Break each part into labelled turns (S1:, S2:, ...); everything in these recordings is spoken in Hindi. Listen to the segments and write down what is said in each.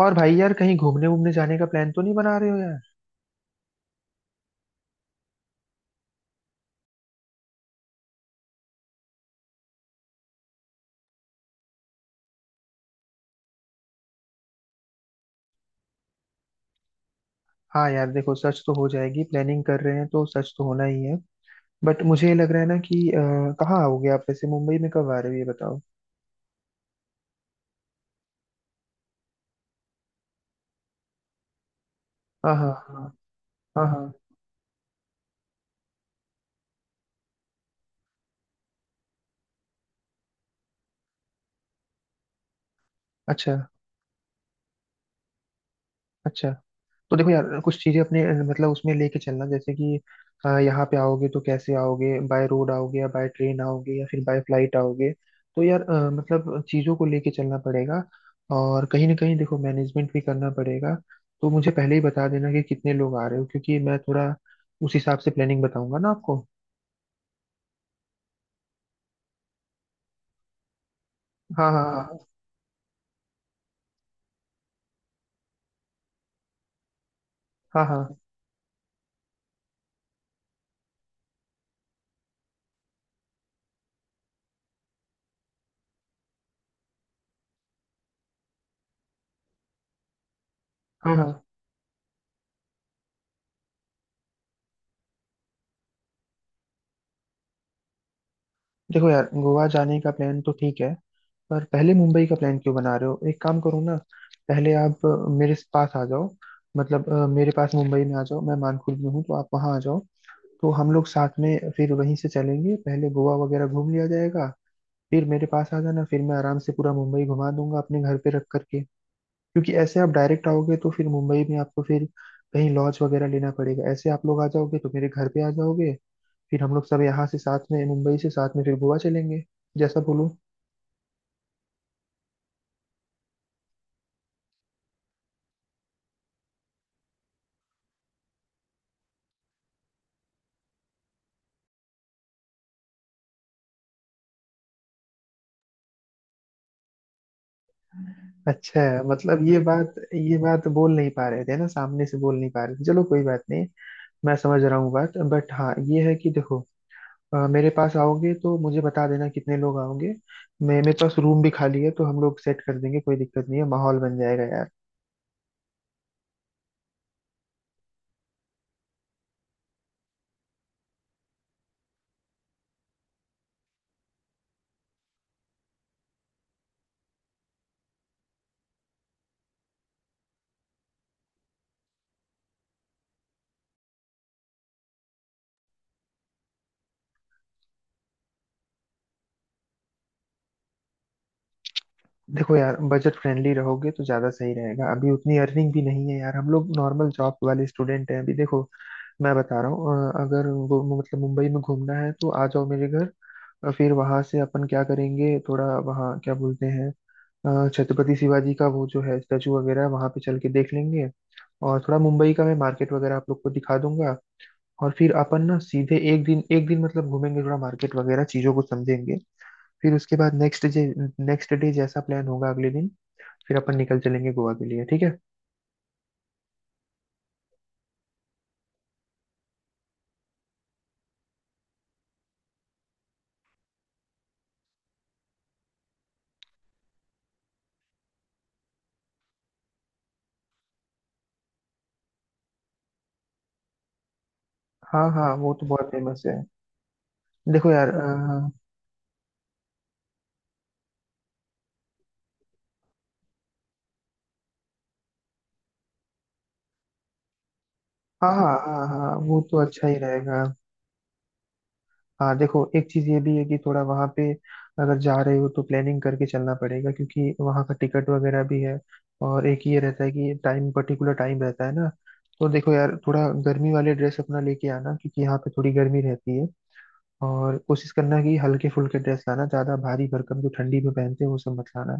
S1: और भाई यार कहीं घूमने वूमने जाने का प्लान तो नहीं बना रहे हो यार। हाँ यार, देखो सर्च तो हो जाएगी, प्लानिंग कर रहे हैं तो सर्च तो होना ही है। बट मुझे ये लग रहा है ना कि कहाँ आओगे आप? वैसे मुंबई में कब आ रहे हो ये बताओ। हाँ, हाँ, हाँ, हाँ, हाँ। अच्छा। अच्छा। तो देखो यार कुछ चीजें अपने मतलब उसमें लेके चलना, जैसे कि यहाँ पे आओगे तो कैसे आओगे? बाय रोड आओगे या बाय ट्रेन आओगे या फिर बाय फ्लाइट आओगे? तो यार मतलब चीजों को लेके चलना पड़ेगा। और कहीं ना कहीं देखो मैनेजमेंट भी करना पड़ेगा। तो मुझे पहले ही बता देना कि कितने लोग आ रहे हो, क्योंकि मैं थोड़ा उस हिसाब से प्लानिंग बताऊंगा ना आपको। हाँ, हाँ, हाँ, हाँ, हाँ, हाँ, हाँ। देखो यार गोवा जाने का प्लान तो ठीक है। पर पहले मुंबई का प्लान क्यों बना रहे हो? एक काम करो ना, पहले आप मेरे पास आ जाओ। मतलब मेरे पास मुंबई में आ जाओ। मैं मानकुल में हूँ, तो आप वहाँ आ जाओ। तो हम लोग साथ में फिर वहीं से चलेंगे, पहले गोवा वगैरह घूम लिया जाएगा। फिर मेरे पास आ जाना, फिर मैं आराम से पूरा मुंबई घुमा दूंगा अपने घर पे रख करके। क्योंकि ऐसे आप डायरेक्ट आओगे तो फिर मुंबई में आपको फिर कहीं लॉज वगैरह लेना पड़ेगा। ऐसे आप लोग आ जाओगे तो मेरे घर पे आ जाओगे, फिर हम लोग सब यहाँ से साथ में, मुंबई से साथ में फिर गोवा चलेंगे, जैसा बोलूं। अच्छा। मतलब ये बात बोल नहीं पा रहे थे ना, सामने से बोल नहीं पा रहे थे, चलो कोई बात नहीं। मैं समझ रहा हूँ बात। बट हाँ, ये है कि देखो मेरे पास आओगे तो मुझे बता देना कितने लोग आओगे। मैं, मेरे पास रूम भी खाली है, तो हम लोग सेट कर देंगे, कोई दिक्कत नहीं है, माहौल बन जाएगा यार। देखो यार बजट फ्रेंडली रहोगे तो ज्यादा सही रहेगा। अभी उतनी अर्निंग भी नहीं है यार, हम लोग नॉर्मल जॉब वाले स्टूडेंट हैं अभी। देखो मैं बता रहा हूँ अगर वो मतलब मुंबई में घूमना है तो आ जाओ मेरे घर। और फिर वहां से अपन क्या करेंगे, थोड़ा वहाँ क्या बोलते हैं, छत्रपति शिवाजी का वो जो है स्टैचू वगैरह, वहां पे चल के देख लेंगे। और थोड़ा मुंबई का मैं मार्केट वगैरह आप लोग को दिखा दूंगा। और फिर अपन ना सीधे एक दिन, एक दिन मतलब घूमेंगे, थोड़ा मार्केट वगैरह चीजों को समझेंगे। फिर उसके बाद नेक्स्ट डे जैसा प्लान होगा अगले दिन, फिर अपन निकल चलेंगे गोवा के लिए, ठीक है। हाँ हाँ, वो तो बहुत फेमस है। देखो यार। हाँ, हाँ, हाँ, हाँ, वो तो अच्छा ही रहेगा। हाँ, देखो एक चीज ये भी है कि थोड़ा वहां पे अगर जा रहे हो तो प्लानिंग करके चलना पड़ेगा, क्योंकि वहां का टिकट वगैरह भी है। और एक ये रहता है कि टाइम, पर्टिकुलर टाइम रहता है ना। तो देखो यार थोड़ा गर्मी वाले ड्रेस अपना लेके आना, क्योंकि यहाँ पे थोड़ी गर्मी रहती है। और कोशिश करना कि हल्के फुल्के ड्रेस लाना, ज्यादा भारी भरकम जो ठंडी में पहनते हैं वो सब मत लाना।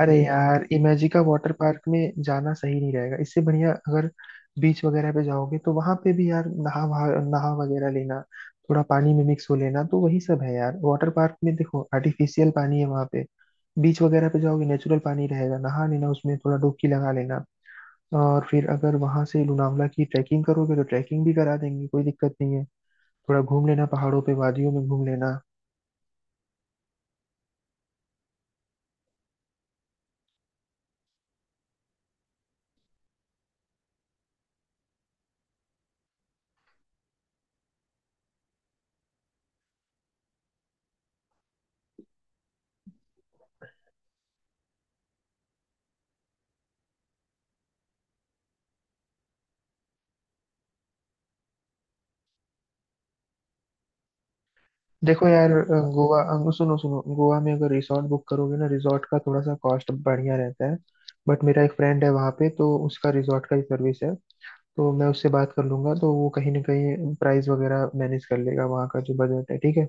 S1: अरे यार इमेजिका वाटर पार्क में जाना सही नहीं रहेगा। इससे बढ़िया अगर बीच वगैरह पे जाओगे तो वहां पे भी यार नहा वगैरह लेना, थोड़ा पानी में मिक्स हो लेना। तो वही सब है यार। वाटर पार्क में देखो आर्टिफिशियल पानी है वहां पे, बीच वगैरह पे जाओगे नेचुरल पानी रहेगा, नहा लेना उसमें, थोड़ा डुबकी लगा लेना। और फिर अगर वहां से लोनावला की ट्रैकिंग करोगे तो ट्रैकिंग भी करा देंगे, कोई दिक्कत नहीं है। थोड़ा घूम लेना पहाड़ों पे, वादियों में घूम लेना। देखो यार गोवा, सुनो सुनो, गोवा में अगर रिसॉर्ट बुक करोगे ना, रिसॉर्ट का थोड़ा सा कॉस्ट बढ़िया रहता है। बट मेरा एक फ्रेंड है वहाँ पे, तो उसका रिसॉर्ट का ही सर्विस है। तो मैं उससे बात कर लूंगा, तो वो कहीं ना कहीं प्राइस वगैरह मैनेज कर लेगा वहाँ का, जो बजट है, ठीक है।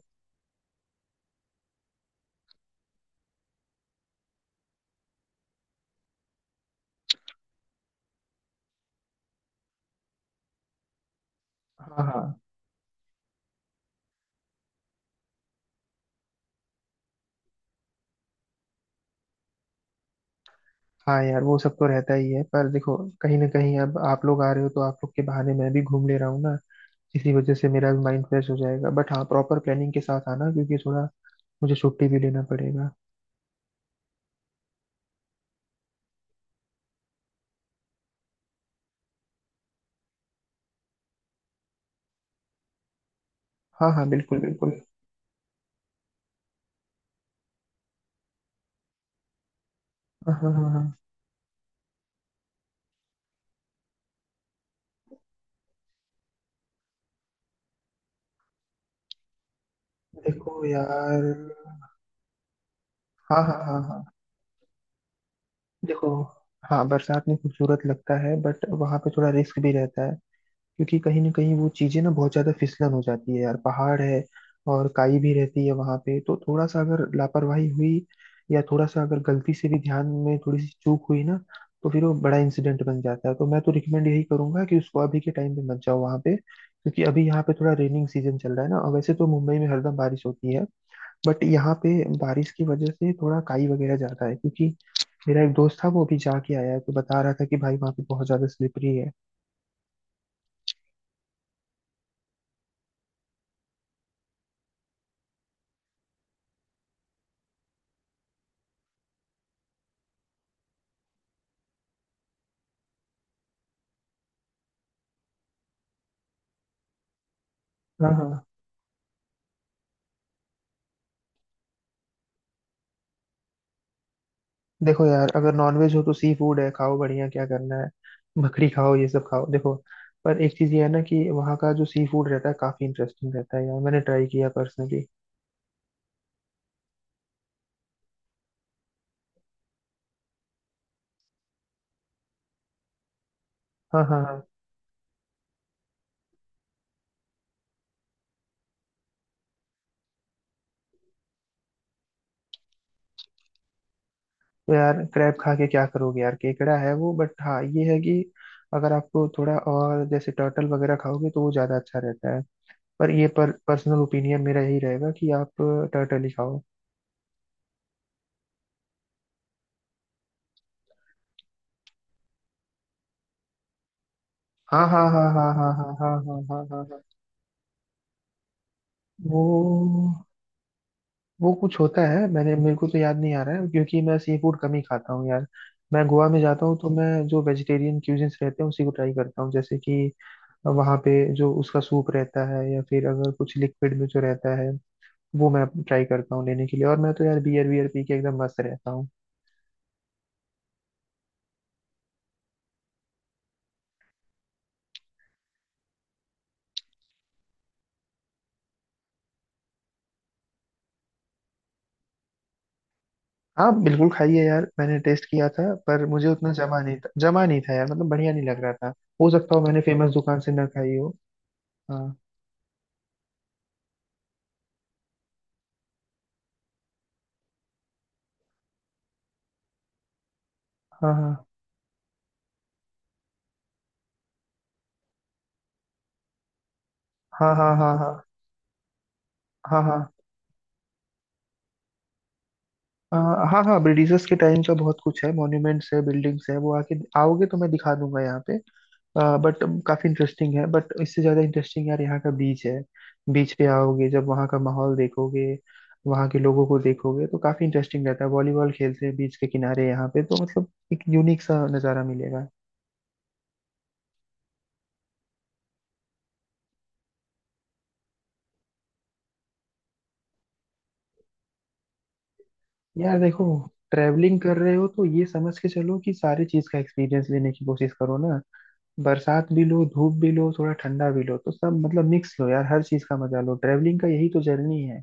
S1: हाँ, हाँ, हाँ, यार वो सब तो रहता ही है। पर देखो कहीं ना कहीं अब आप लोग आ रहे हो, तो आप लोग के बहाने मैं भी घूम ले रहा हूँ ना। इसी वजह से मेरा भी माइंड फ्रेश हो जाएगा। बट हाँ, प्रॉपर प्लानिंग के साथ आना, क्योंकि थोड़ा मुझे छुट्टी भी लेना पड़ेगा। हाँ हाँ, बिल्कुल बिल्कुल। हाँ, हाँ, हाँ। देखो यार। हाँ, हाँ, हाँ, हाँ। देखो, हाँ बरसात में खूबसूरत लगता है, बट वहाँ पे थोड़ा रिस्क भी रहता है। क्योंकि कहीं ना कहीं वो चीजें ना बहुत ज्यादा फिसलन हो जाती है यार, पहाड़ है और काई भी रहती है वहाँ पे। तो थोड़ा सा अगर लापरवाही हुई या थोड़ा सा अगर गलती से भी ध्यान में थोड़ी सी चूक हुई ना, तो फिर वो बड़ा इंसिडेंट बन जाता है। तो मैं तो रिकमेंड यही करूंगा कि उसको अभी के टाइम पे मत जाओ वहाँ पे, क्योंकि अभी यहाँ पे थोड़ा रेनिंग सीजन चल रहा है ना। और वैसे तो मुंबई में हरदम बारिश होती है, बट यहाँ पे बारिश की वजह से थोड़ा काई वगैरह ज्यादा है, क्योंकि मेरा एक दोस्त था, वो अभी जाके आया है, तो बता रहा था कि भाई वहाँ पे बहुत ज्यादा स्लिपरी है। हाँ हाँ। देखो यार अगर नॉनवेज हो तो सी फूड है, खाओ बढ़िया, क्या करना है। बकरी खाओ, ये सब खाओ। देखो पर एक चीज ये है ना कि वहाँ का जो सी फूड रहता है काफी इंटरेस्टिंग रहता है यार, मैंने ट्राई किया पर्सनली। हाँ, हाँ, हाँ। तो यार क्रैब खा के क्या करोगे यार, केकड़ा है वो। बट हाँ ये है कि अगर आपको थोड़ा और जैसे टर्टल वगैरह खाओगे तो वो ज्यादा अच्छा रहता है। पर पर्सनल ओपिनियन मेरा यही रहेगा कि आप टर्टल ही खाओ। हाँ, हाँ, हाँ, हाँ, हाँ, हाँ, हाँ, हाँ, हाँ, हाँ, हाँ। वो वो कुछ होता है, मैंने, मेरे को तो याद नहीं आ रहा है क्योंकि मैं सी फूड कम ही खाता हूँ यार। मैं गोवा में जाता हूँ तो मैं जो वेजिटेरियन क्यूजिन्स रहते हैं उसी को ट्राई करता हूँ, जैसे कि वहाँ पे जो उसका सूप रहता है, या फिर अगर कुछ लिक्विड में जो रहता है, वो मैं ट्राई करता हूँ लेने के लिए। और मैं तो यार बियर बियर पी के एकदम मस्त रहता हूँ। हाँ बिल्कुल खाइए यार, मैंने टेस्ट किया था पर मुझे उतना जमा नहीं था, जमा नहीं था यार, मतलब बढ़िया नहीं लग रहा था। हो सकता हो मैंने फेमस दुकान से ना खाई हो। हाँ, हाँ, हाँ, हाँ, हाँ, हाँ, हाँ, हाँ, हाँ, हाँ, हाँ, ब्रिटिशर्स के टाइम का बहुत कुछ है, मॉन्यूमेंट्स है, बिल्डिंग्स है, वो आके, आओगे तो मैं दिखा दूंगा यहाँ पे। बट काफी इंटरेस्टिंग है, बट इससे ज्यादा इंटरेस्टिंग यार यहाँ का बीच है। बीच पे आओगे जब वहाँ का माहौल देखोगे, वहाँ के लोगों को देखोगे तो काफी इंटरेस्टिंग रहता है, वॉलीबॉल खेलते हैं बीच के किनारे यहाँ पे, तो मतलब एक यूनिक सा नज़ारा मिलेगा। यार देखो ट्रैवलिंग कर रहे हो तो ये समझ के चलो कि सारी चीज का एक्सपीरियंस लेने की कोशिश करो ना। बरसात भी लो, धूप भी लो, थोड़ा ठंडा भी लो, तो सब मतलब मिक्स लो यार, हर चीज का मजा लो, ट्रैवलिंग का यही तो जर्नी है।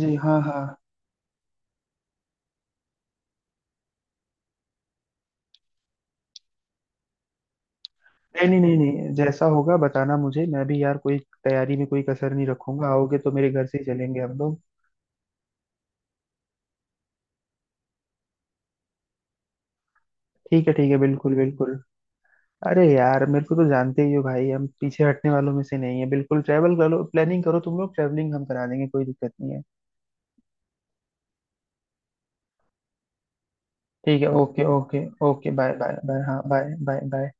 S1: जी हाँ, हाँ। नहीं, नहीं, नहीं, नहीं, जैसा होगा बताना मुझे, मैं भी यार कोई तैयारी में कोई कसर नहीं रखूंगा। आओगे तो मेरे घर से ही चलेंगे हम लोग। ठीक है, ठीक है, बिल्कुल, बिल्कुल। अरे यार मेरे को तो जानते ही हो भाई, हम पीछे हटने वालों में से नहीं है बिल्कुल, ट्रैवल करो, प्लानिंग करो, तुम लोग, ट्रैवलिंग हम करा देंगे, कोई दिक्कत नहीं है। ठीक है, okay, okay. Okay, bye, bye, bye, हाँ, बाय, बाय, बाय।